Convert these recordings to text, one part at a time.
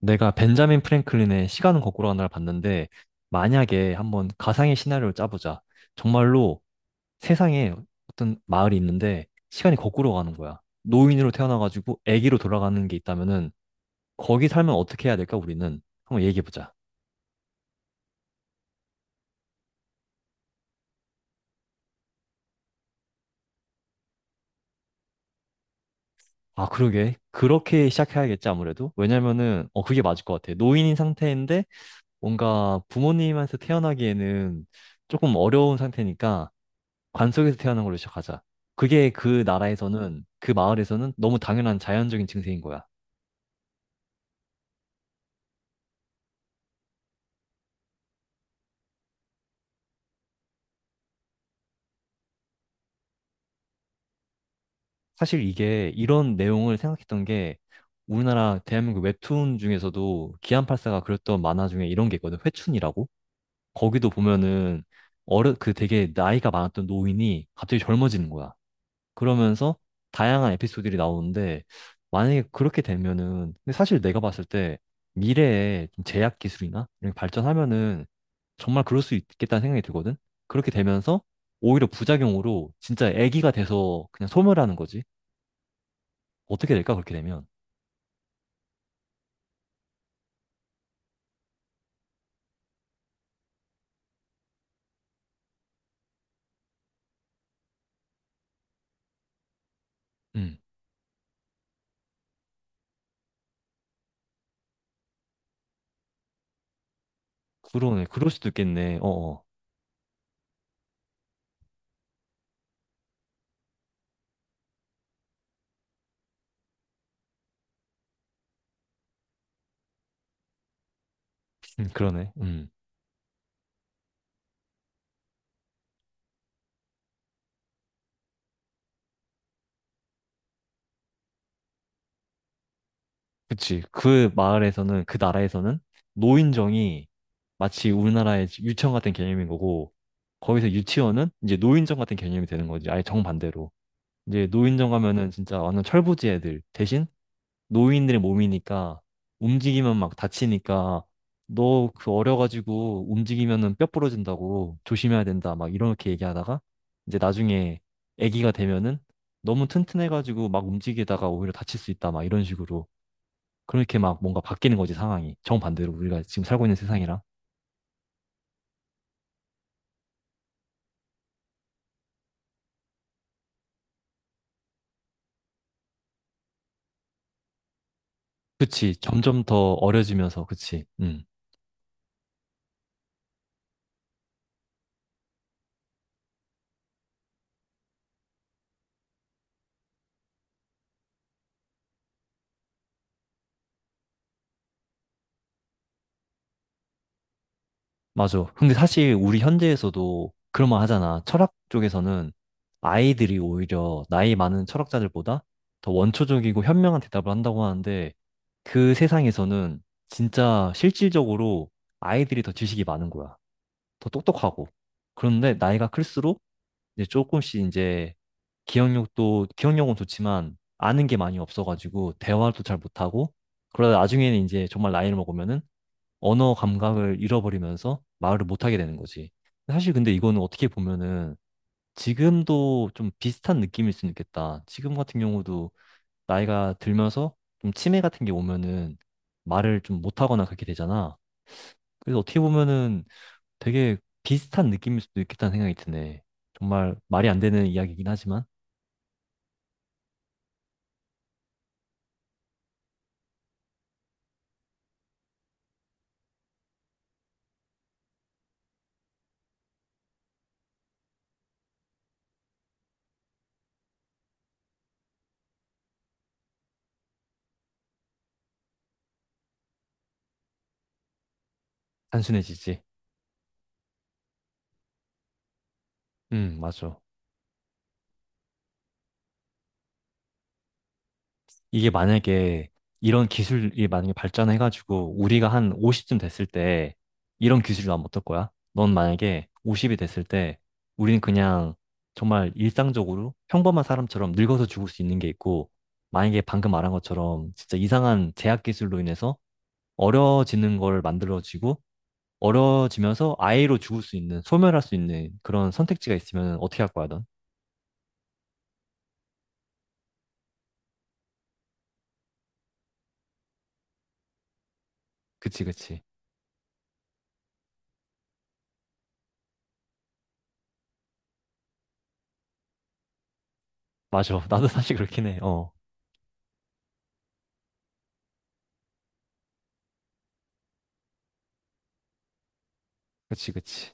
내가 벤자민 프랭클린의 시간은 거꾸로 간다를 봤는데 만약에 한번 가상의 시나리오를 짜보자. 정말로 세상에 어떤 마을이 있는데 시간이 거꾸로 가는 거야. 노인으로 태어나가지고 아기로 돌아가는 게 있다면은 거기 살면 어떻게 해야 될까 우리는 한번 얘기해보자. 아 그러게 그렇게 시작해야겠지 아무래도 왜냐면은 그게 맞을 것 같아. 노인인 상태인데 뭔가 부모님한테 태어나기에는 조금 어려운 상태니까 관속에서 태어난 걸로 시작하자. 그게 그 나라에서는, 그 마을에서는 너무 당연한 자연적인 증세인 거야. 사실 이게 이런 내용을 생각했던 게 우리나라 대한민국 웹툰 중에서도 기안팔사가 그렸던 만화 중에 이런 게 있거든. 회춘이라고. 거기도 보면은 어르 그 되게 나이가 많았던 노인이 갑자기 젊어지는 거야. 그러면서 다양한 에피소드들이 나오는데 만약에 그렇게 되면은 근데 사실 내가 봤을 때 미래에 좀 제약 기술이나 이런 게 발전하면은 정말 그럴 수 있겠다는 생각이 들거든. 그렇게 되면서 오히려 부작용으로 진짜 애기가 돼서 그냥 소멸하는 거지. 어떻게 될까 그렇게 되면? 음. 그러네. 그럴 수도 있겠네. 어어. 그러네. 음. 그치. 그 마을에서는, 그 나라에서는 노인정이 마치 우리나라의 유치원 같은 개념인 거고, 거기서 유치원은 이제 노인정 같은 개념이 되는 거지. 아예 정반대로. 이제 노인정 가면은 진짜 완전 철부지 애들. 대신 노인들의 몸이니까 움직이면 막 다치니까 너 그 어려가지고 움직이면은 뼈 부러진다고 조심해야 된다. 막 이렇게 얘기하다가 이제 나중에 애기가 되면은 너무 튼튼해가지고 막 움직이다가 오히려 다칠 수 있다. 막 이런 식으로. 그렇게 막 뭔가 바뀌는 거지, 상황이. 정반대로 우리가 지금 살고 있는 세상이랑. 그치, 점점 더 어려지면서, 그치. 맞아. 근데 사실 우리 현대에서도 그런 말 하잖아. 철학 쪽에서는 아이들이 오히려 나이 많은 철학자들보다 더 원초적이고 현명한 대답을 한다고 하는데 그 세상에서는 진짜 실질적으로 아이들이 더 지식이 많은 거야. 더 똑똑하고. 그런데 나이가 클수록 이제 조금씩 이제 기억력도, 기억력은 좋지만 아는 게 많이 없어가지고 대화도 잘 못하고 그러다 나중에는 이제 정말 나이를 먹으면은 언어 감각을 잃어버리면서 말을 못하게 되는 거지. 사실 근데 이거는 어떻게 보면은 지금도 좀 비슷한 느낌일 수는 있겠다. 지금 같은 경우도 나이가 들면서 좀 치매 같은 게 오면은 말을 좀 못하거나 그렇게 되잖아. 그래서 어떻게 보면은 되게 비슷한 느낌일 수도 있겠다는 생각이 드네. 정말 말이 안 되는 이야기이긴 하지만. 단순해지지. 맞아. 이게 만약에 이런 기술이 만약에 발전해가지고 우리가 한 50쯤 됐을 때 이런 기술이 나면 어떨 거야? 넌 만약에 50이 됐을 때 우리는 그냥 정말 일상적으로 평범한 사람처럼 늙어서 죽을 수 있는 게 있고 만약에 방금 말한 것처럼 진짜 이상한 제약 기술로 인해서 어려워지는 걸 만들어지고 어려워지면서 아예로 죽을 수 있는 소멸할 수 있는 그런 선택지가 있으면 어떻게 할 거야, 넌? 그치, 그치. 맞아. 나도 사실 그렇긴 해. 어. 그치, 그치.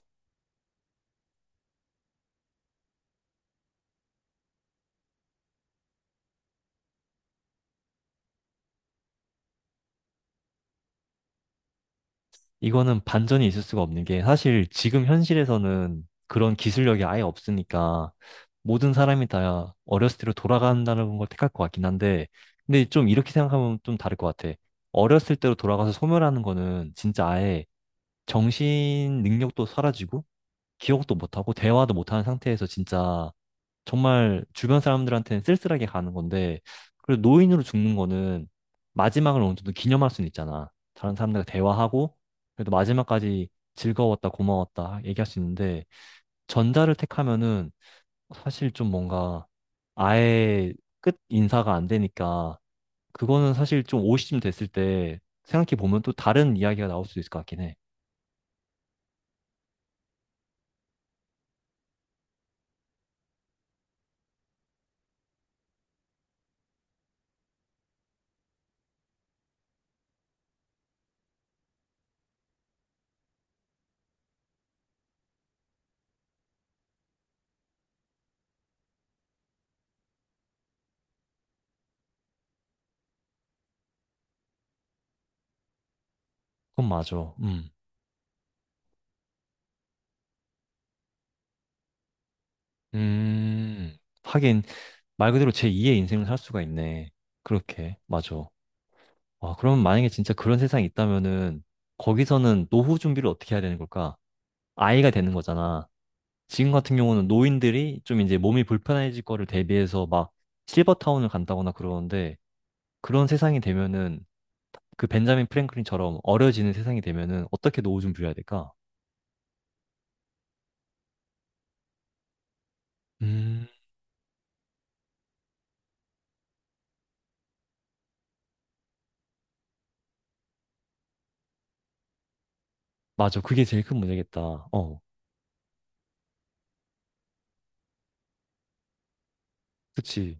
이거는 반전이 있을 수가 없는 게 사실 지금 현실에서는 그런 기술력이 아예 없으니까 모든 사람이 다 어렸을 때로 돌아간다는 걸 택할 것 같긴 한데 근데 좀 이렇게 생각하면 좀 다를 것 같아. 어렸을 때로 돌아가서 소멸하는 거는 진짜 아예 정신 능력도 사라지고 기억도 못하고 대화도 못하는 상태에서 진짜 정말 주변 사람들한테는 쓸쓸하게 가는 건데, 그리고 노인으로 죽는 거는 마지막을 어느 정도 기념할 수는 있잖아. 다른 사람들과 대화하고, 그래도 마지막까지 즐거웠다, 고마웠다 얘기할 수 있는데, 전자를 택하면은 사실 좀 뭔가 아예 끝 인사가 안 되니까, 그거는 사실 좀 오십쯤 됐을 때 생각해 보면 또 다른 이야기가 나올 수도 있을 것 같긴 해. 그건 맞아. 음. 음. 하긴, 말 그대로 제2의 인생을 살 수가 있네. 그렇게, 맞아. 와, 그럼 만약에 진짜 그런 세상이 있다면은 거기서는 노후 준비를 어떻게 해야 되는 걸까? 아이가 되는 거잖아. 지금 같은 경우는 노인들이 좀 이제 몸이 불편해질 거를 대비해서 막 실버타운을 간다거나 그러는데 그런 세상이 되면은 그 벤자민 프랭클린처럼 어려지는 세상이 되면은 어떻게 노후 준비를 해야 될까? 음, 맞아. 그게 제일 큰 문제겠다. 어, 그치.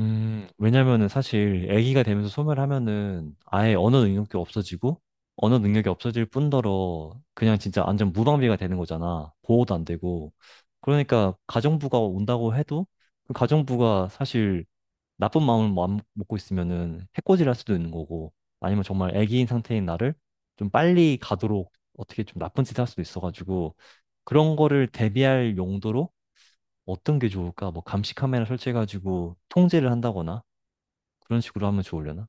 왜냐면은 사실 아기가 되면서 소멸하면은 아예 언어 능력이 없어지고 언어 능력이 없어질 뿐더러 그냥 진짜 완전 무방비가 되는 거잖아. 보호도 안 되고. 그러니까 가정부가 온다고 해도 그 가정부가 사실 나쁜 마음을 먹고 있으면은 해코지를 할 수도 있는 거고 아니면 정말 아기인 상태인 나를 좀 빨리 가도록 어떻게 좀 나쁜 짓을 할 수도 있어가지고 그런 거를 대비할 용도로 어떤 게 좋을까? 뭐 감시 카메라 설치해가지고 통제를 한다거나 그런 식으로 하면 좋으려나?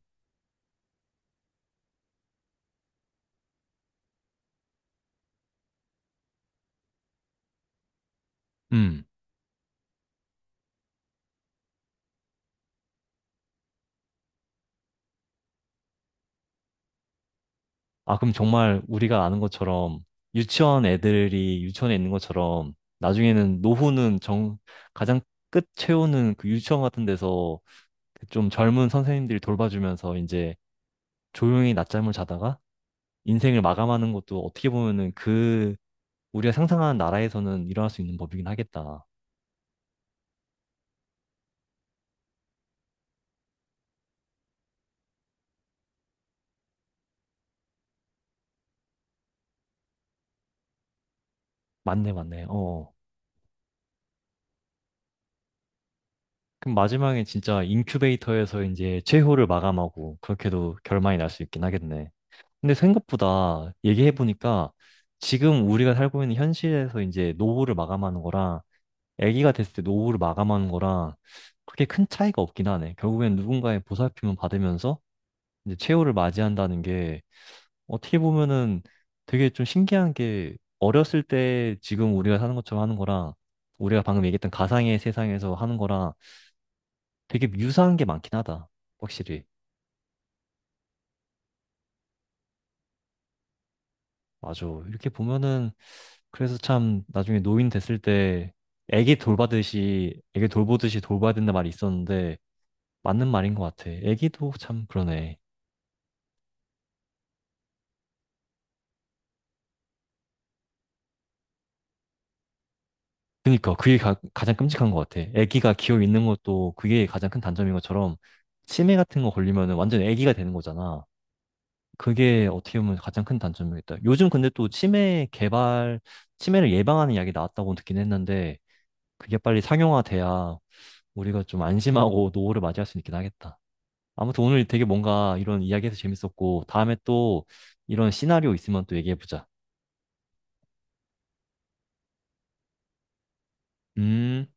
음. 아, 그럼 정말 우리가 아는 것처럼 유치원 애들이 유치원에 있는 것처럼 나중에는 노후는 가장 끝 채우는 그 유치원 같은 데서 그좀 젊은 선생님들이 돌봐주면서 이제 조용히 낮잠을 자다가 인생을 마감하는 것도 어떻게 보면은 그 우리가 상상하는 나라에서는 일어날 수 있는 법이긴 하겠다. 맞네, 맞네. 어. 그럼 마지막에 진짜 인큐베이터에서 이제 최후를 마감하고 그렇게도 결말이 날 수 있긴 하겠네. 근데 생각보다 얘기해보니까 지금 우리가 살고 있는 현실에서 이제 노후를 마감하는 거랑 아기가 됐을 때 노후를 마감하는 거랑 그렇게 큰 차이가 없긴 하네. 결국엔 누군가의 보살핌을 받으면서 이제 최후를 맞이한다는 게 어떻게 보면은 되게 좀 신기한 게 어렸을 때 지금 우리가 사는 것처럼 하는 거랑 우리가 방금 얘기했던 가상의 세상에서 하는 거랑 되게 유사한 게 많긴 하다. 확실히. 맞아. 이렇게 보면은 그래서 참 나중에 노인 됐을 때 애기 돌보듯이 돌봐야 된다 말이 있었는데 맞는 말인 것 같아. 애기도 참 그러네. 그니까 그게 가장 끔찍한 것 같아. 애기가 기어 있는 것도 그게 가장 큰 단점인 것처럼 치매 같은 거 걸리면 완전 애기가 되는 거잖아. 그게 어떻게 보면 가장 큰 단점이겠다. 요즘 근데 또 치매를 예방하는 약이 나왔다고 듣긴 했는데 그게 빨리 상용화돼야 우리가 좀 안심하고 노후를 맞이할 수 있긴 하겠다. 아무튼 오늘 되게 뭔가 이런 이야기해서 재밌었고, 다음에 또 이런 시나리오 있으면 또 얘기해보자. 음.